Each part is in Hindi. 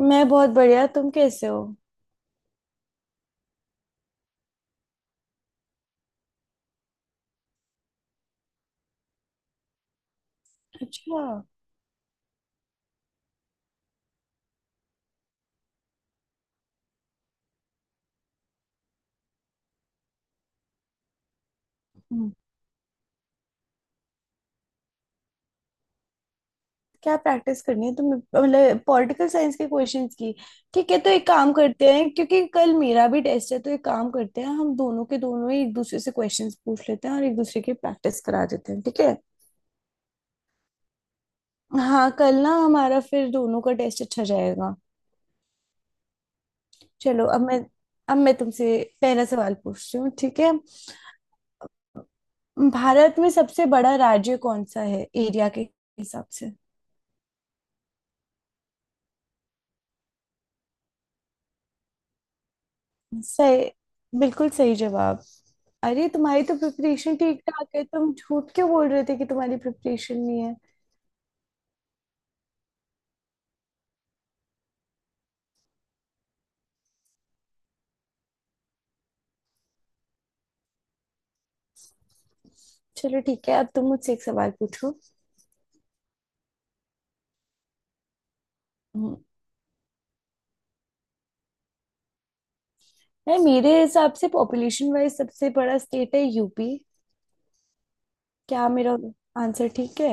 मैं बहुत बढ़िया। तुम कैसे हो? अच्छा। हम्म। क्या प्रैक्टिस करनी है? तुम मतलब पॉलिटिकल साइंस के क्वेश्चंस की? ठीक है, तो एक काम करते हैं। क्योंकि कल मेरा भी टेस्ट है, तो एक काम करते हैं, हम दोनों के दोनों ही एक दूसरे से क्वेश्चंस पूछ लेते हैं और एक दूसरे की प्रैक्टिस करा देते हैं, ठीक है? हाँ, कल ना हमारा फिर दोनों का टेस्ट अच्छा जाएगा। चलो, अब मैं तुमसे पहला सवाल पूछती हूँ, ठीक है? भारत में सबसे बड़ा राज्य कौन सा है एरिया के हिसाब से? सही। बिल्कुल सही जवाब। अरे, तुम्हारी तो प्रिपरेशन ठीक ठाक है, तुम झूठ क्यों बोल रहे थे कि तुम्हारी प्रिपरेशन नहीं है? चलो ठीक है, अब तुम मुझसे एक सवाल पूछो। हम्म, नहीं, मेरे हिसाब से पॉपुलेशन वाइज सबसे बड़ा स्टेट है यूपी। क्या मेरा आंसर ठीक है?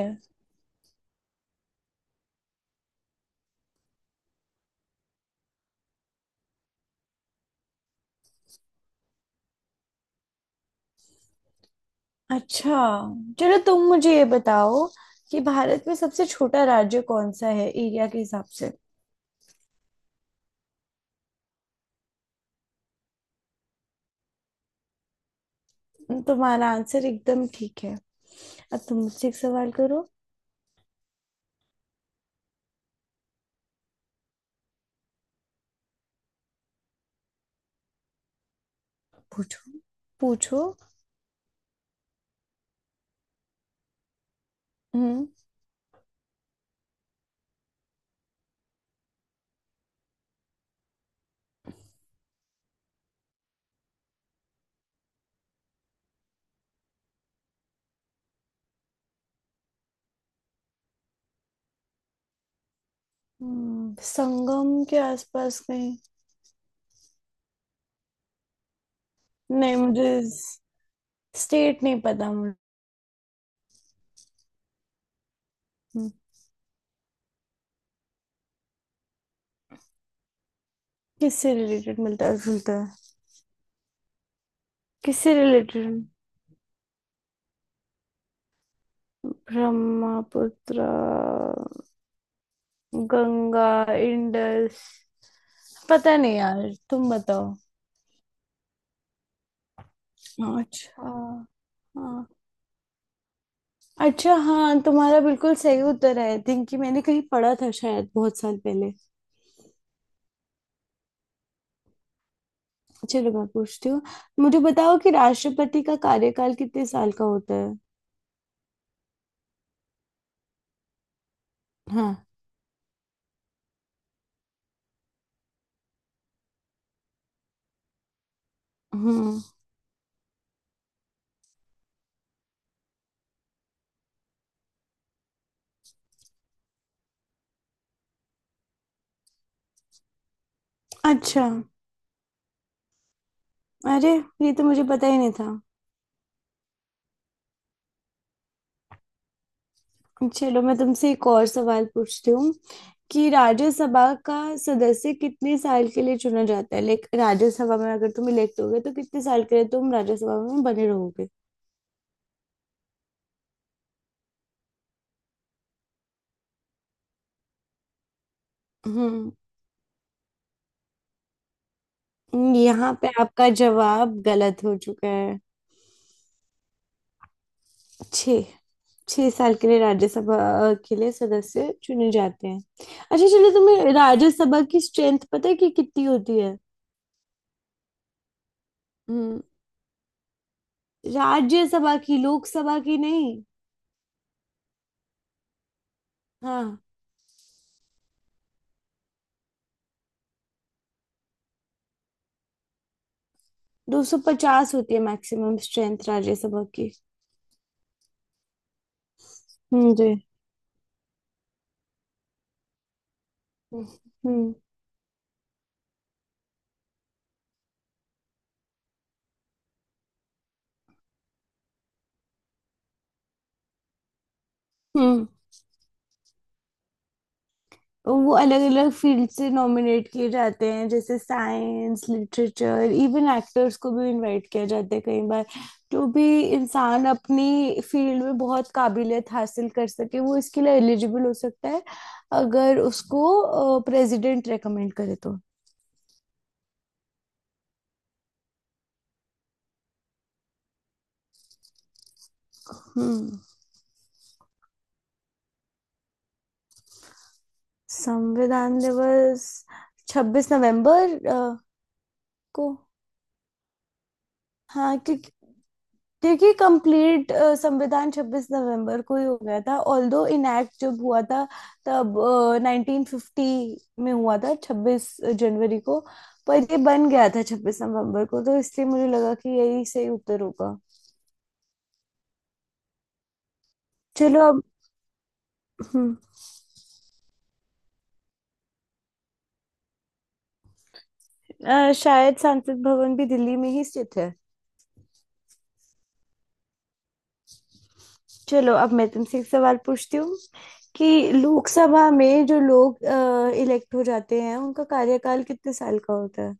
अच्छा, चलो तुम मुझे ये बताओ कि भारत में सबसे छोटा राज्य कौन सा है एरिया के हिसाब से? तुम्हारा आंसर एकदम ठीक है। अब तुम मुझसे एक सवाल करो। पूछो, पूछो। हम्म, संगम के आसपास कहीं? नहीं, मुझे स्टेट नहीं पता मुझे। किससे रिलेटेड मिलता है जुलता है? किससे रिलेटेड? ब्रह्मपुत्र? गंगा? इंडस? पता नहीं यार, तुम बताओ। अच्छा, हाँ। अच्छा, हाँ, तुम्हारा बिल्कुल सही उत्तर है। आई थिंक कि मैंने कहीं पढ़ा था शायद बहुत साल पहले। चलो, मैं पूछती हूँ। मुझे बताओ कि राष्ट्रपति का कार्यकाल कितने साल का होता है? हाँ। हम्म। अच्छा। अरे, ये तो मुझे पता ही नहीं था। चलो, मैं तुमसे एक और सवाल पूछती हूँ कि राज्यसभा का सदस्य कितने साल के लिए चुना जाता है? लाइक राज्यसभा में अगर तुम इलेक्ट हो गए तो कितने साल के लिए तुम राज्यसभा में बने रहोगे? हम्म। यहाँ पे आपका जवाब गलत हो चुका है। छः छह साल के लिए राज्यसभा के लिए सदस्य चुने जाते हैं। अच्छा, चलो तुम्हें राज्यसभा की स्ट्रेंथ पता है कि कितनी होती है? हम्म, राज्यसभा की, लोकसभा की नहीं। हाँ। 250 होती है मैक्सिमम स्ट्रेंथ राज्यसभा की। जी। हम्म। हम्म। वो अलग अलग फील्ड से नॉमिनेट किए जाते हैं, जैसे साइंस, लिटरेचर, इवन एक्टर्स को भी इनवाइट किया जाता है कई बार। जो भी इंसान अपनी फील्ड में बहुत काबिलियत हासिल कर सके वो इसके लिए एलिजिबल हो सकता है, अगर उसको प्रेसिडेंट रेकमेंड करे तो। हम्म। संविधान दिवस 26 नवंबर को। हाँ, क्योंकि क्योंकि कंप्लीट संविधान 26 नवंबर को ही हो गया था। ऑल्दो इनैक्ट जब हुआ था, तब 1950 में हुआ था, 26 जनवरी को, पर ये बन गया था 26 नवंबर को, तो इसलिए मुझे लगा कि यही सही उत्तर होगा। चलो अब। हम्म, शायद संसद भवन भी दिल्ली में ही स्थित है। चलो, अब मैं तुमसे एक सवाल पूछती हूँ कि लोकसभा में जो लोग इलेक्ट हो जाते हैं उनका कार्यकाल कितने साल का होता है?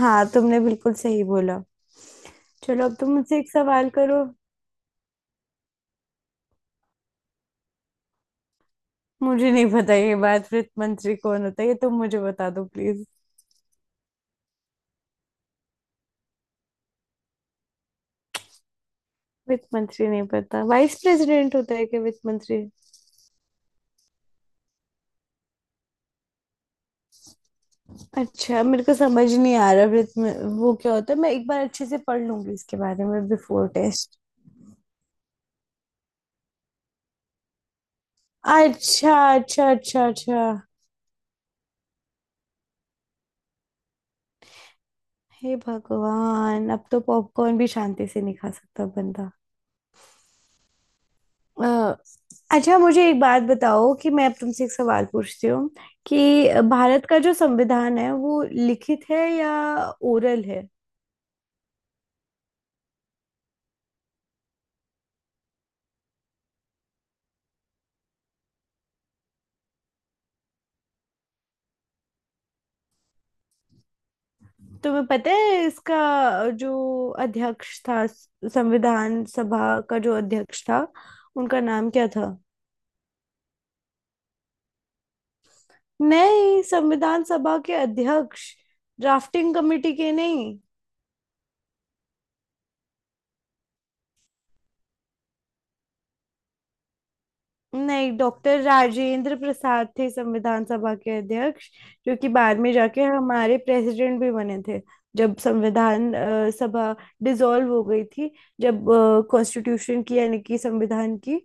हाँ, तुमने बिल्कुल सही बोला। चलो, अब तुम मुझसे एक सवाल करो। मुझे नहीं पता ये बात, वित्त मंत्री कौन होता है ये तुम मुझे बता दो प्लीज। वित्त मंत्री नहीं पता, वाइस प्रेसिडेंट होता है क्या वित्त मंत्री? अच्छा, मेरे को समझ नहीं आ रहा वित्त में वो क्या होता है, मैं एक बार अच्छे से पढ़ लूंगी इसके बारे में बिफोर टेस्ट। अच्छा, अच्छा, अच्छा, अच्छा। हे भगवान, अब तो पॉपकॉर्न भी शांति से नहीं खा सकता बंदा। अ, अच्छा, मुझे एक बात बताओ, कि मैं अब तुमसे एक सवाल पूछती हूँ कि भारत का जो संविधान है वो लिखित है या ओरल है? तुम्हें पता है इसका जो अध्यक्ष था, संविधान सभा का जो अध्यक्ष था उनका नाम क्या था? नहीं, संविधान सभा के अध्यक्ष, ड्राफ्टिंग कमेटी के नहीं। नहीं, डॉक्टर राजेंद्र प्रसाद थे संविधान सभा के अध्यक्ष, जो कि बाद में जाके हमारे प्रेसिडेंट भी बने थे। जब संविधान सभा डिसॉल्व हो गई थी, जब कॉन्स्टिट्यूशन की यानी कि संविधान की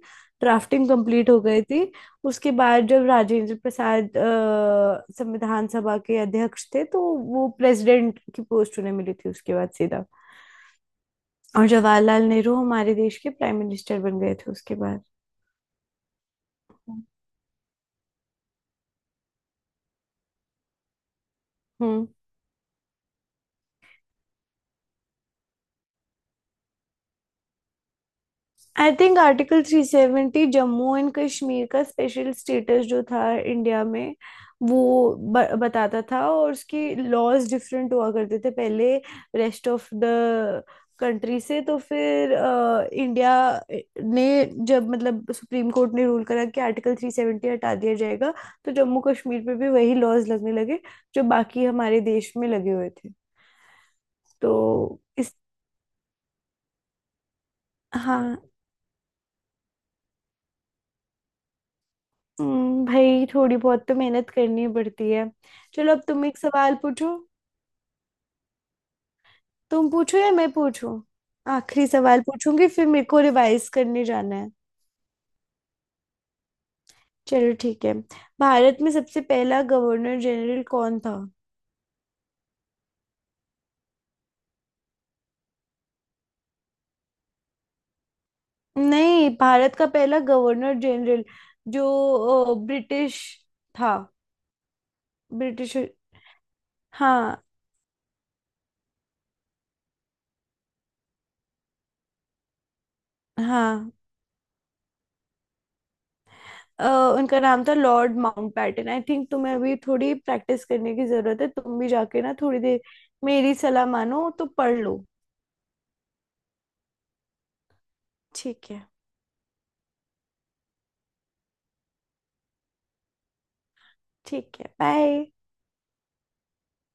ड्राफ्टिंग कंप्लीट हो गई थी, उसके बाद जब राजेंद्र प्रसाद संविधान सभा के अध्यक्ष थे तो वो प्रेसिडेंट की पोस्ट उन्हें मिली थी उसके बाद सीधा। और जवाहरलाल नेहरू हमारे देश के प्राइम मिनिस्टर बन गए थे उसके बाद। हम्म। I think article 370 Jammu and Kashmir का स्पेशल स्टेटस जो था इंडिया में वो बताता था, और उसकी लॉज डिफरेंट हुआ करते थे पहले रेस्ट ऑफ द कंट्री से। तो फिर इंडिया ने, जब मतलब सुप्रीम कोर्ट ने रूल करा कि आर्टिकल 370 हटा दिया जाएगा, तो जम्मू कश्मीर पे भी वही लॉज लगने लगे जो बाकी हमारे देश में लगे हुए थे तो इस हाँ। भाई, थोड़ी बहुत तो मेहनत करनी पड़ती है। चलो, अब तुम एक सवाल पूछो। तुम पूछो या मैं पूछूं? आखिरी सवाल पूछूंगी फिर मेरे को रिवाइज करने जाना है। चलो ठीक है। भारत में सबसे पहला गवर्नर जनरल कौन था? नहीं, भारत का पहला गवर्नर जनरल जो ब्रिटिश था। ब्रिटिश। हाँ। हाँ। अ, उनका नाम था लॉर्ड माउंटबेटन। आई थिंक तुम्हें अभी थोड़ी प्रैक्टिस करने की जरूरत है, तुम भी जाके ना थोड़ी देर। मेरी सलाह मानो तो पढ़ लो। ठीक है, ठीक है, बाय।